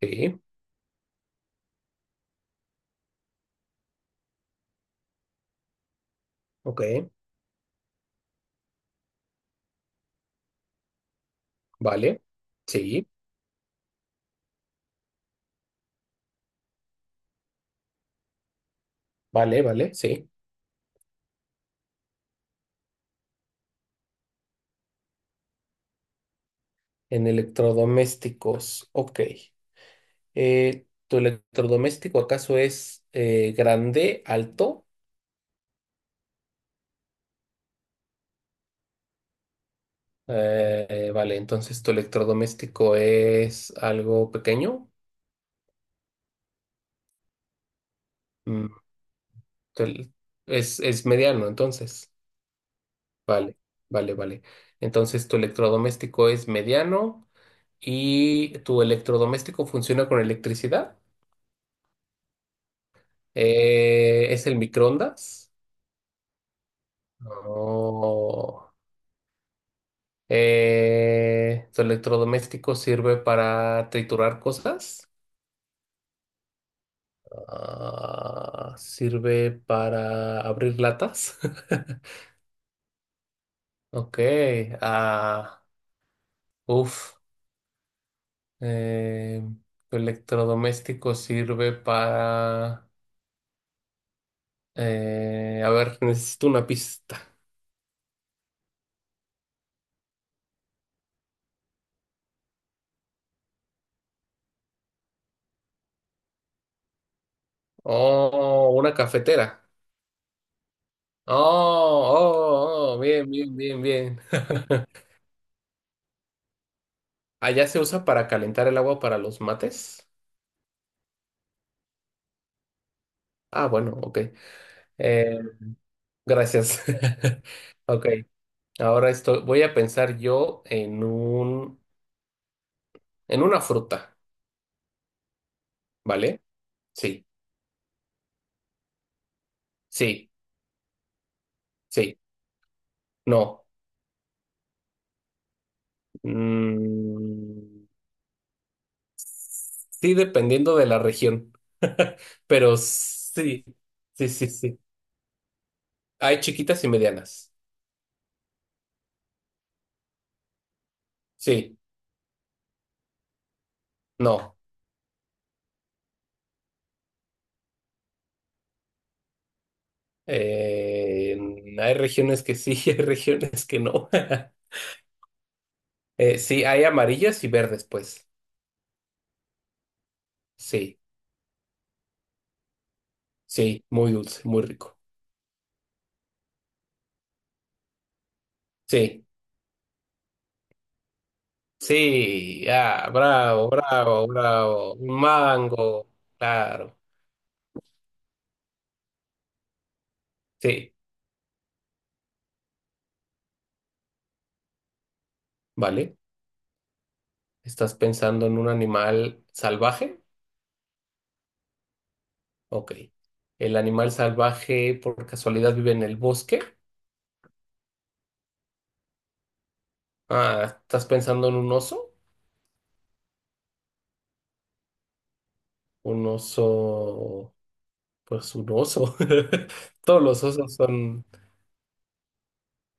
Sí, ok, vale, sí, vale, vale, sí. En electrodomésticos, ok. ¿Tu electrodoméstico acaso es grande, alto? Vale, entonces tu electrodoméstico es algo pequeño. Mm, tu el- es mediano, entonces. Vale, vale, vale. Entonces tu electrodoméstico es mediano y tu electrodoméstico funciona con electricidad. ¿Es el microondas? Oh. ¿Su electrodoméstico sirve para triturar cosas? Ah, ¿sirve para abrir latas? Ok. Ah, uf. Eh, ¿tu electrodoméstico sirve para a ver, necesito una pista. Oh, una cafetera. Oh, oh, oh, oh, bien, bien, bien, bien. Allá se usa para calentar el agua para los mates. Ah, bueno, ok. Eh, gracias. Ok, ahora voy a pensar yo en en una fruta, ¿vale? Sí, sí, sí, no. Mm, sí, dependiendo de la región, pero sí, sí, sí, sí. Hay chiquitas y medianas. Sí, no. Eh, hay regiones que sí, hay regiones que no. Sí, hay amarillas y verdes, pues. Sí, sí, muy dulce, muy rico. Sí, sí, ah, bravo, bravo, bravo. Un mango, claro. Sí, vale. ¿Estás pensando en un animal salvaje? Ok. ¿El animal salvaje por casualidad vive en el bosque? Ah, ¿estás pensando en un oso? Un oso, pues un oso. Todos los osos son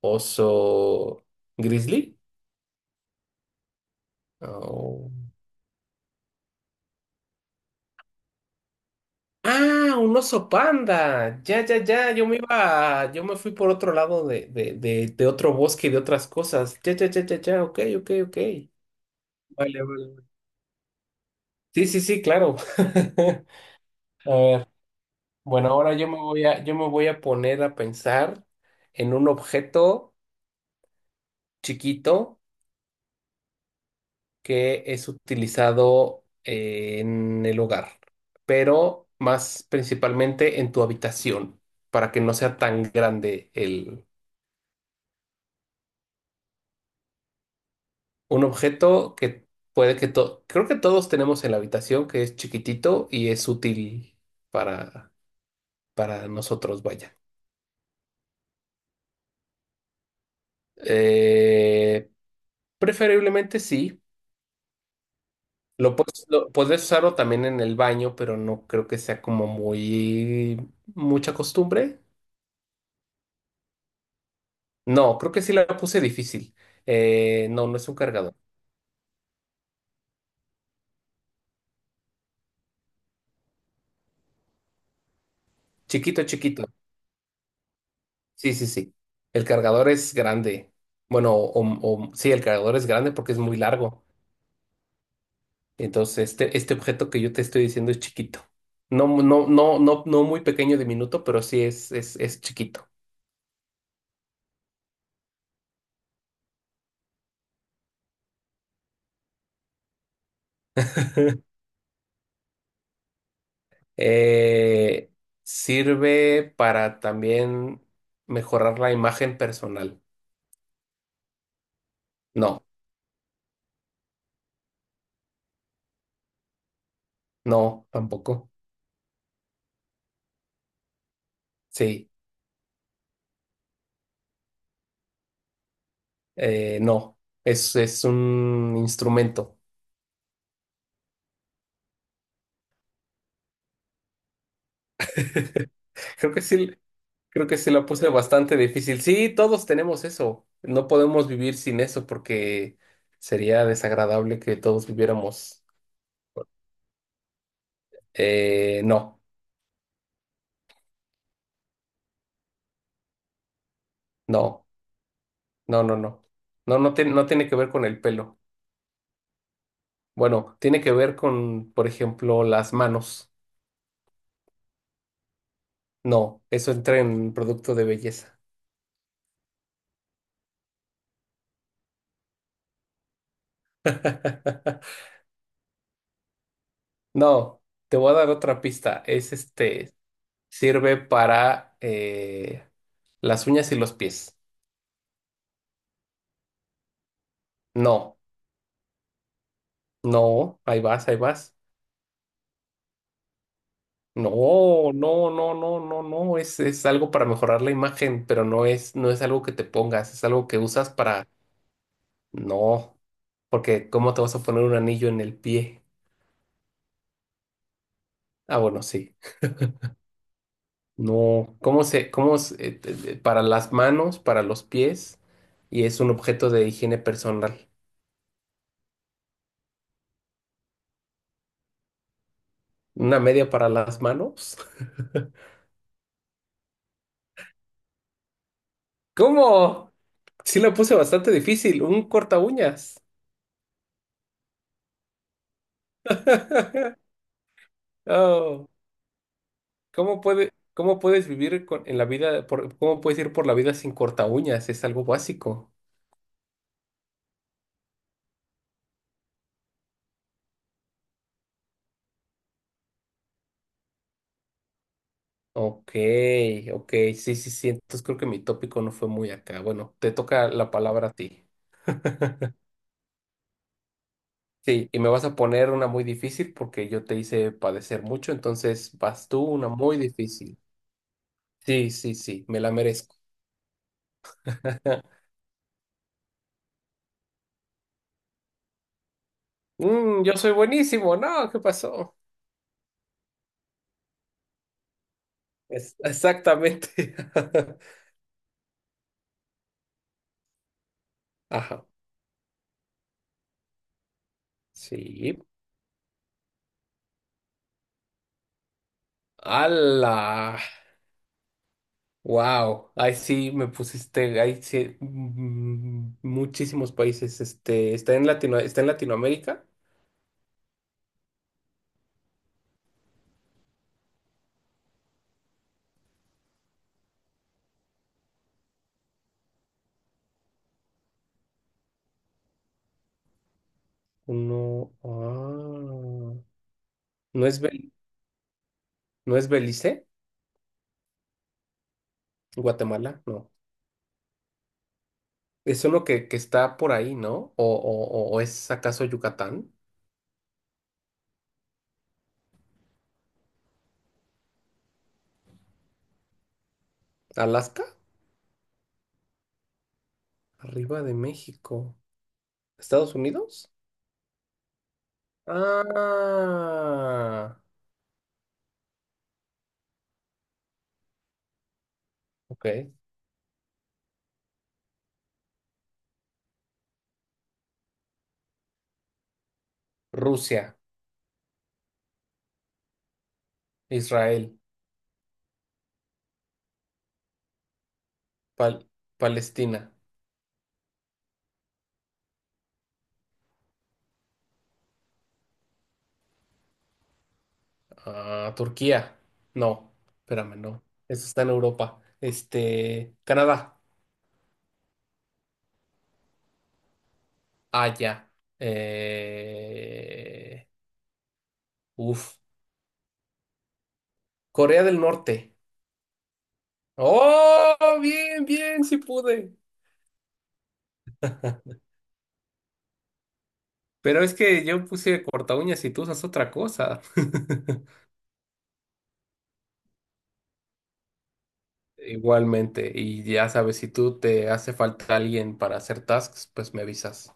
oso grizzly. Oh. Ah, un oso panda. Ya, ya, ya. Yo me iba, yo me fui por otro lado de otro bosque, de otras cosas. Ya, ya, ya, ya, ya. Ok, ok, ok. Vale, vale, vale. Sí, sí, sí, claro. A ver, bueno, ahora yo me voy a poner a pensar en un objeto chiquito que es utilizado en el hogar, pero más principalmente en tu habitación, para que no sea tan grande. Un objeto que creo que todos tenemos en la habitación, que es chiquitito y es útil para, para nosotros, vaya. Eh, preferiblemente sí. Puedes usarlo también en el baño, pero no creo que sea como muy mucha costumbre. No, creo que sí la puse difícil. No, no es un cargador. Chiquito, chiquito. Sí, sí, sí. El cargador es grande. Bueno, o, sí, el cargador es grande porque es muy largo. Entonces, este objeto que yo te estoy diciendo es chiquito. No, no, no, no, no muy pequeño diminuto, pero sí es chiquito. Eh, sirve para también mejorar la imagen personal. No, no, tampoco. Sí, no. Es un instrumento. Creo que sí, creo que sí la puse bastante difícil. Sí, todos tenemos eso. No podemos vivir sin eso porque sería desagradable que todos viviéramos. No, no, no, no, no. No, no, no tiene que ver con el pelo. Bueno, tiene que ver con, por ejemplo, las manos. No, eso entra en producto de belleza. No, te voy a dar otra pista. Es este, sirve para las uñas y los pies. No, no, ahí vas, ahí vas. No, no, no, no, no, no. Es algo para mejorar la imagen, pero no es, no es algo que te pongas, es algo que usas para. No. Porque ¿cómo te vas a poner un anillo en el pie? Ah, bueno, sí. No, para las manos, para los pies, y es un objeto de higiene personal? ¿Una media para las manos? ¿Cómo? Sí la puse bastante difícil, un corta uñas. Oh, cómo puedes vivir con- en la vida, cómo puedes ir por la vida sin corta uñas? Es algo básico. Ok, ok, sí, sí, sí. Entonces creo que mi tópico no fue muy acá. Bueno, te toca la palabra a ti. Sí, y me vas a poner una muy difícil porque yo te hice padecer mucho, entonces vas tú una muy difícil. Sí, sí, sí, me la merezco. Mm, yo soy buenísimo, no, ¿qué pasó? Exactamente. Ajá, sí. ¡Hala! Wow, ahí sí me pusiste, ahí sí, mm, muchísimos países, este, está en Latinoamérica. No, ah, no es, no es Belice, Guatemala, no. Es uno que está por ahí, ¿no? O es acaso Yucatán? ¿Alaska? Arriba de México. ¿Estados Unidos? Ah, ok. Rusia, Israel, Pal- Palestina, ah, Turquía. No, espérame, no. Eso está en Europa. Este, Canadá. Allá. Eh, uf. Corea del Norte. ¡Oh! Bien, bien, sí pude. Pero es que yo puse corta uñas y tú usas otra cosa. Igualmente, y ya sabes, si tú te hace falta alguien para hacer tasks, pues me avisas.